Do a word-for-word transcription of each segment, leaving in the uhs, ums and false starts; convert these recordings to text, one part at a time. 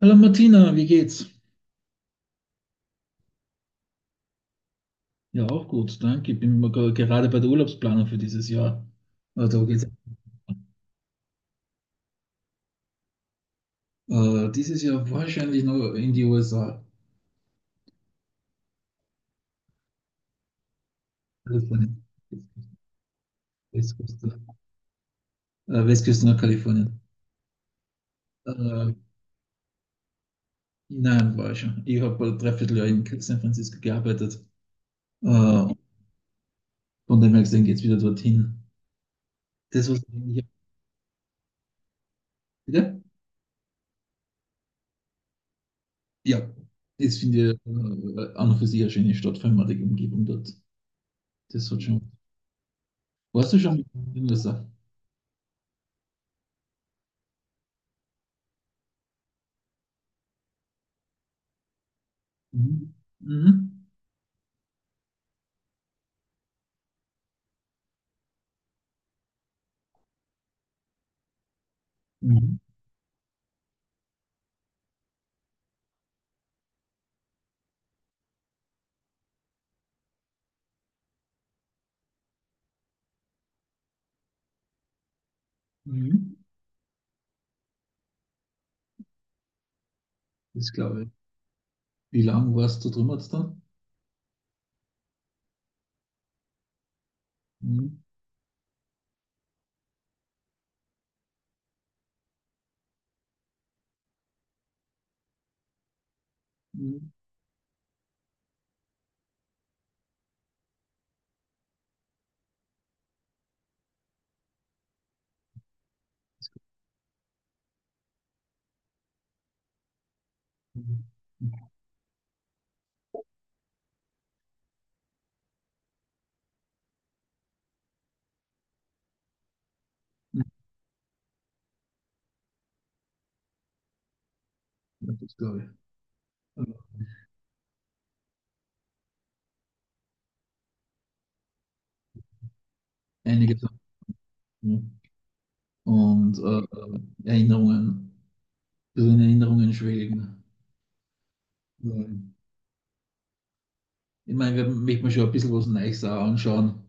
Hallo Martina, wie geht's? Ja, auch gut, danke. Ich bin mal ge- gerade bei der Urlaubsplanung für dieses Jahr. Also geht's äh, dieses Jahr wahrscheinlich noch in die U S A, Kalifornien, Westküste, äh, Westküste nach Kalifornien. Äh, nein, war ich schon. Ich habe ein Dreivierteljahr in San Francisco gearbeitet. Äh, von dem her gesehen geht's wieder dorthin. Das, was ich eigentlich wieder? Ja, das finde ich äh, an und für sich eine schöne Stadt, vor allem auch die Umgebung dort. Das hat schon. Warst du schon in den U S A? Mhm. Mhm. Mhm. Mhm. Das glaube ich. Wie lange warst du drüben jetzt dann? Mhm. Mhm. Mhm. Mhm. Ja, das glaube ich. Also einige Sachen, ja. Und äh, äh, Erinnerungen. Ein bisschen in Erinnerungen schwelgen. Mhm. Ich meine, wir möchten mir schon ein bisschen was Neues auch anschauen.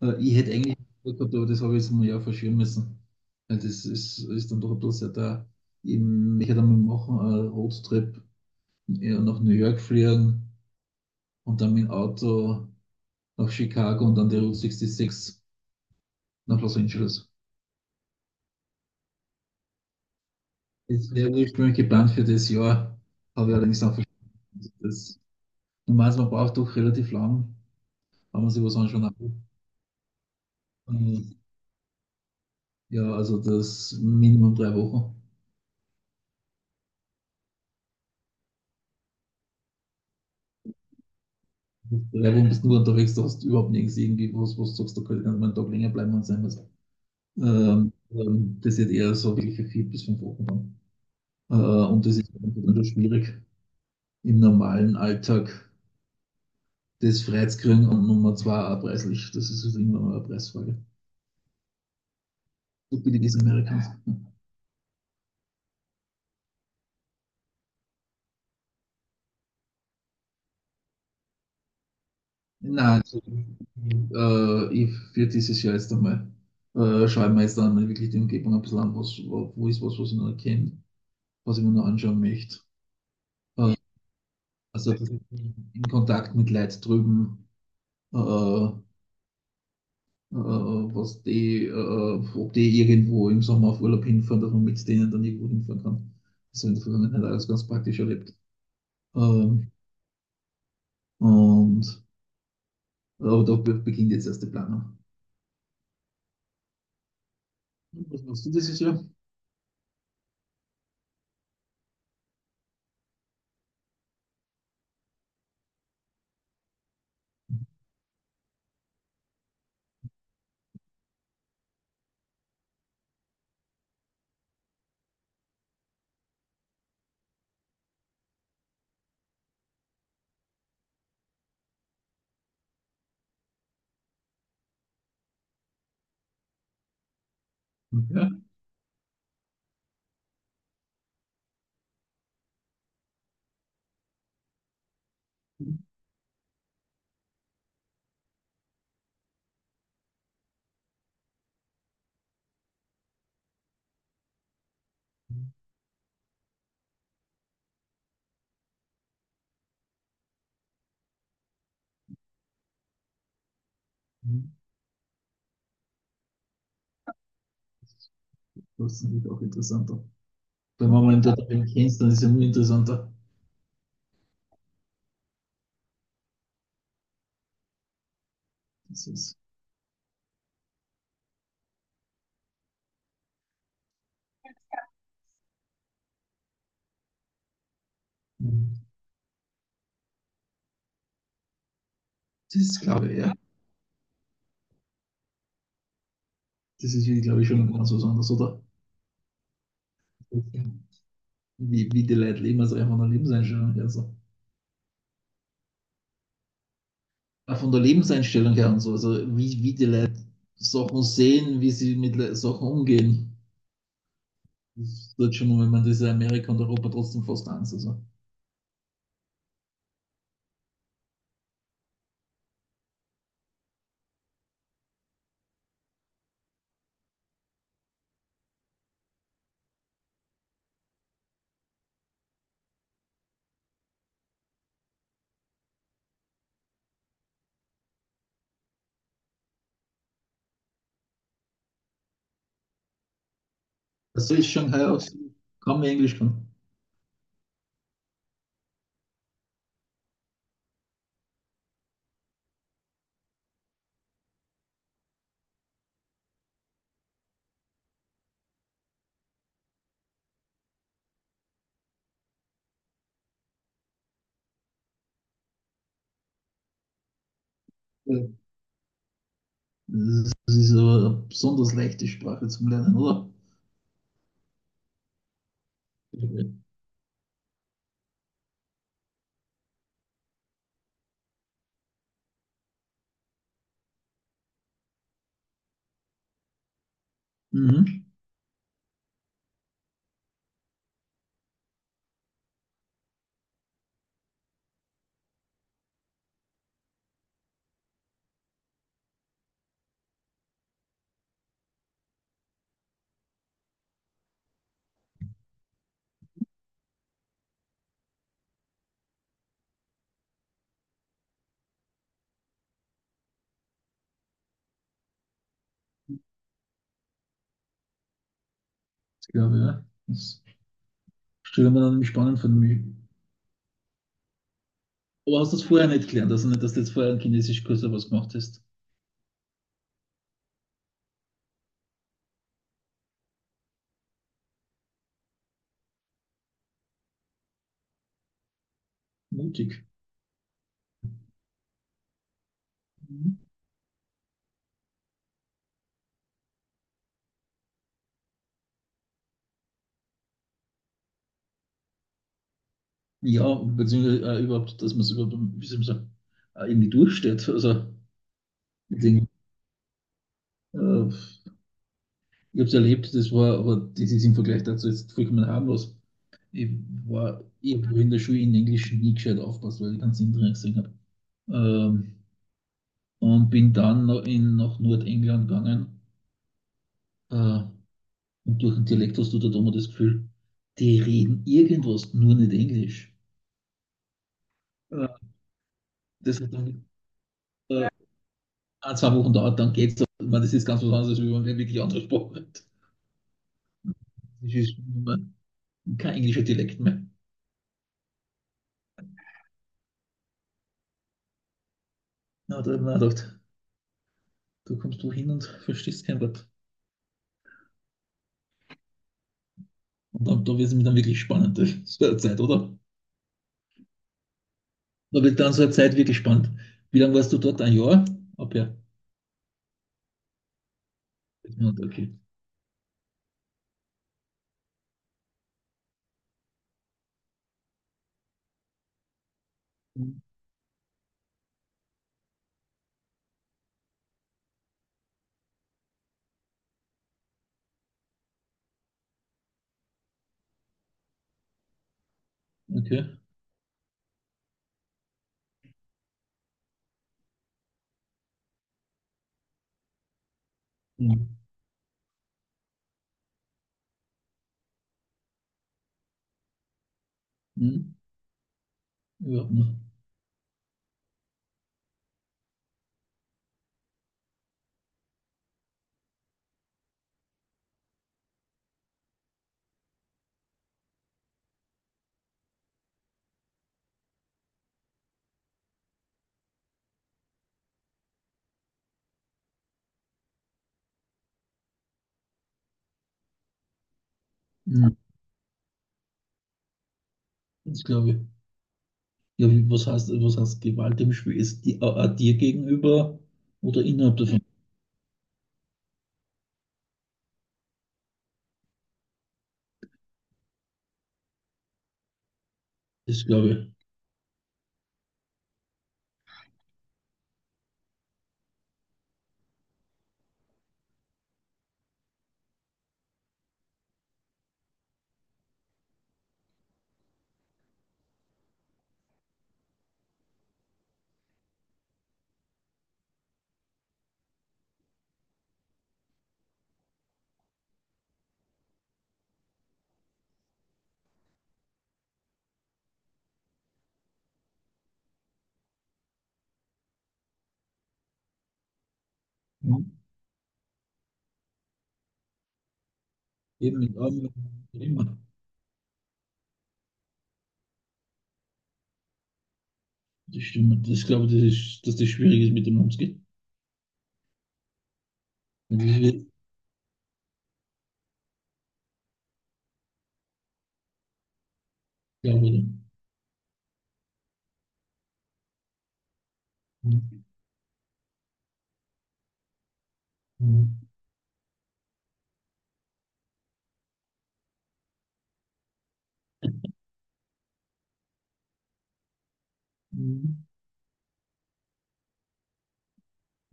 Äh, ich hätte eigentlich gesagt gehabt, aber das habe ich jetzt mal ja verschieben müssen. Weil das ist, ist dann doch ein bisschen da. Ich möchte dann mal machen, einen Roadtrip, ja, nach New York fliegen und dann mit dem Auto nach Chicago und dann die Route sechsundsechzig nach Los Angeles. Das wäre ursprünglich geplant für das Jahr, habe ich allerdings dann verschoben. Das, man man braucht doch relativ lang, wenn man sich was anschauen will. Ja, also das Minimum drei Wochen. Drei Wochen bist du nur unterwegs, da hast du überhaupt nichts irgendwie, was, was du sagst, da könnte man einen Tag länger bleiben und sein was. Ähm, ähm, das ist eher so wirklich für vier bis fünf Wochen dann. Äh, und das ist dann schwierig im normalen Alltag das freizukriegen und Nummer zwei erpresslich. Das ist halt irgendwann mal eine Preisfrage. So billig ist Amerikans. Nein, also, äh, ich für dieses Jahr jetzt einmal, äh, schaue ich mir jetzt dann wirklich die Umgebung ein bisschen an, was, wo ist was, was ich noch erkenne, was ich mir noch anschauen möchte. Äh, also in Kontakt mit Leuten drüben, äh, äh, was die, äh, ob die irgendwo im Sommer auf Urlaub hinfahren, dass man mit denen dann irgendwo hinfahren kann. Das habe ich in der Vergangenheit alles ganz praktisch erlebt. Ähm, und aber da be- beginnt jetzt erst die Planung. Was machst du dieses Jahr? Ja. Das ist natürlich auch interessanter. Wenn man mal einen Datum kennst, dann ist es ja nur interessanter. Das ist, das ist glaube ich, ja. Das ist, glaube ich, schon ganz was anderes, oder? Wie, wie die Leute leben, also einfach von der Lebenseinstellung her. So. Auch von der Lebenseinstellung her und so. Also wie, wie die Leute Sachen sehen, wie sie mit Sachen umgehen. Das tut schon, wenn man das in Amerika und Europa trotzdem fast eins. Also. Das ist Shanghai aus. Kaum mehr Englisch kann. Ja. Das ist aber eine besonders leichte Sprache zum Lernen, oder? Mhm, das glaube ich, ja. Das stelle ich mir dann spannend vor. Mich. Aber hast du das vorher nicht gelernt, also nicht, dass du jetzt vorher einen Chinesischkurs oder was gemacht hast? Mutig. Mhm. Ja, beziehungsweise äh, überhaupt, dass man es überhaupt, wie soll man sagen, äh, irgendwie durchsteht. Also, ich denke, äh, ich habe es erlebt, das war, aber das ist im Vergleich dazu jetzt vollkommen harmlos. Ich war, ich habe in der Schule in Englisch nie gescheit aufpasst, weil ich keinen Sinn drin gesehen habe. Ähm, und bin dann noch in, nach Nordengland gegangen. Äh, und durch den Dialekt hast du da immer das Gefühl, die reden irgendwas, nur nicht Englisch. Äh, Das hat dann äh, ein, zwei Wochen dauert, dann geht's. So. Ich meine, das ist ganz was anderes, wenn man wirklich andere Sprache hat. Das ist kein englischer Dialekt mehr. Ja, da habe ich mir gedacht, du kommst wohin und verstehst kein Wort. Und dann, da wird es mir dann wirklich spannend, so eine Zeit, oder? Da wird dann so eine Zeit wirklich spannend. Wie lange warst du dort? Ein Jahr? Ab ja. Okay. Okay. Mhm. Hm, ja, hm, hm, das glaube ich. Ja, wie, was heißt, was heißt Gewalt im Spiel? Ist die auch auch dir gegenüber oder innerhalb der Familie? Das glaube ich. Hm. Eben mit allem, was immer. Das stimmt. Das glaube ich, das ist, dass das schwierig ist, mit dem umzugehen. Das ist, glaube ich. Hm, hm, hm,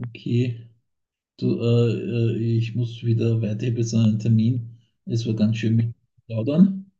okay. Du, äh, äh, ich muss wieder weiter. Ich habe jetzt einen Termin. Es war ganz schön mit dir zu plaudern.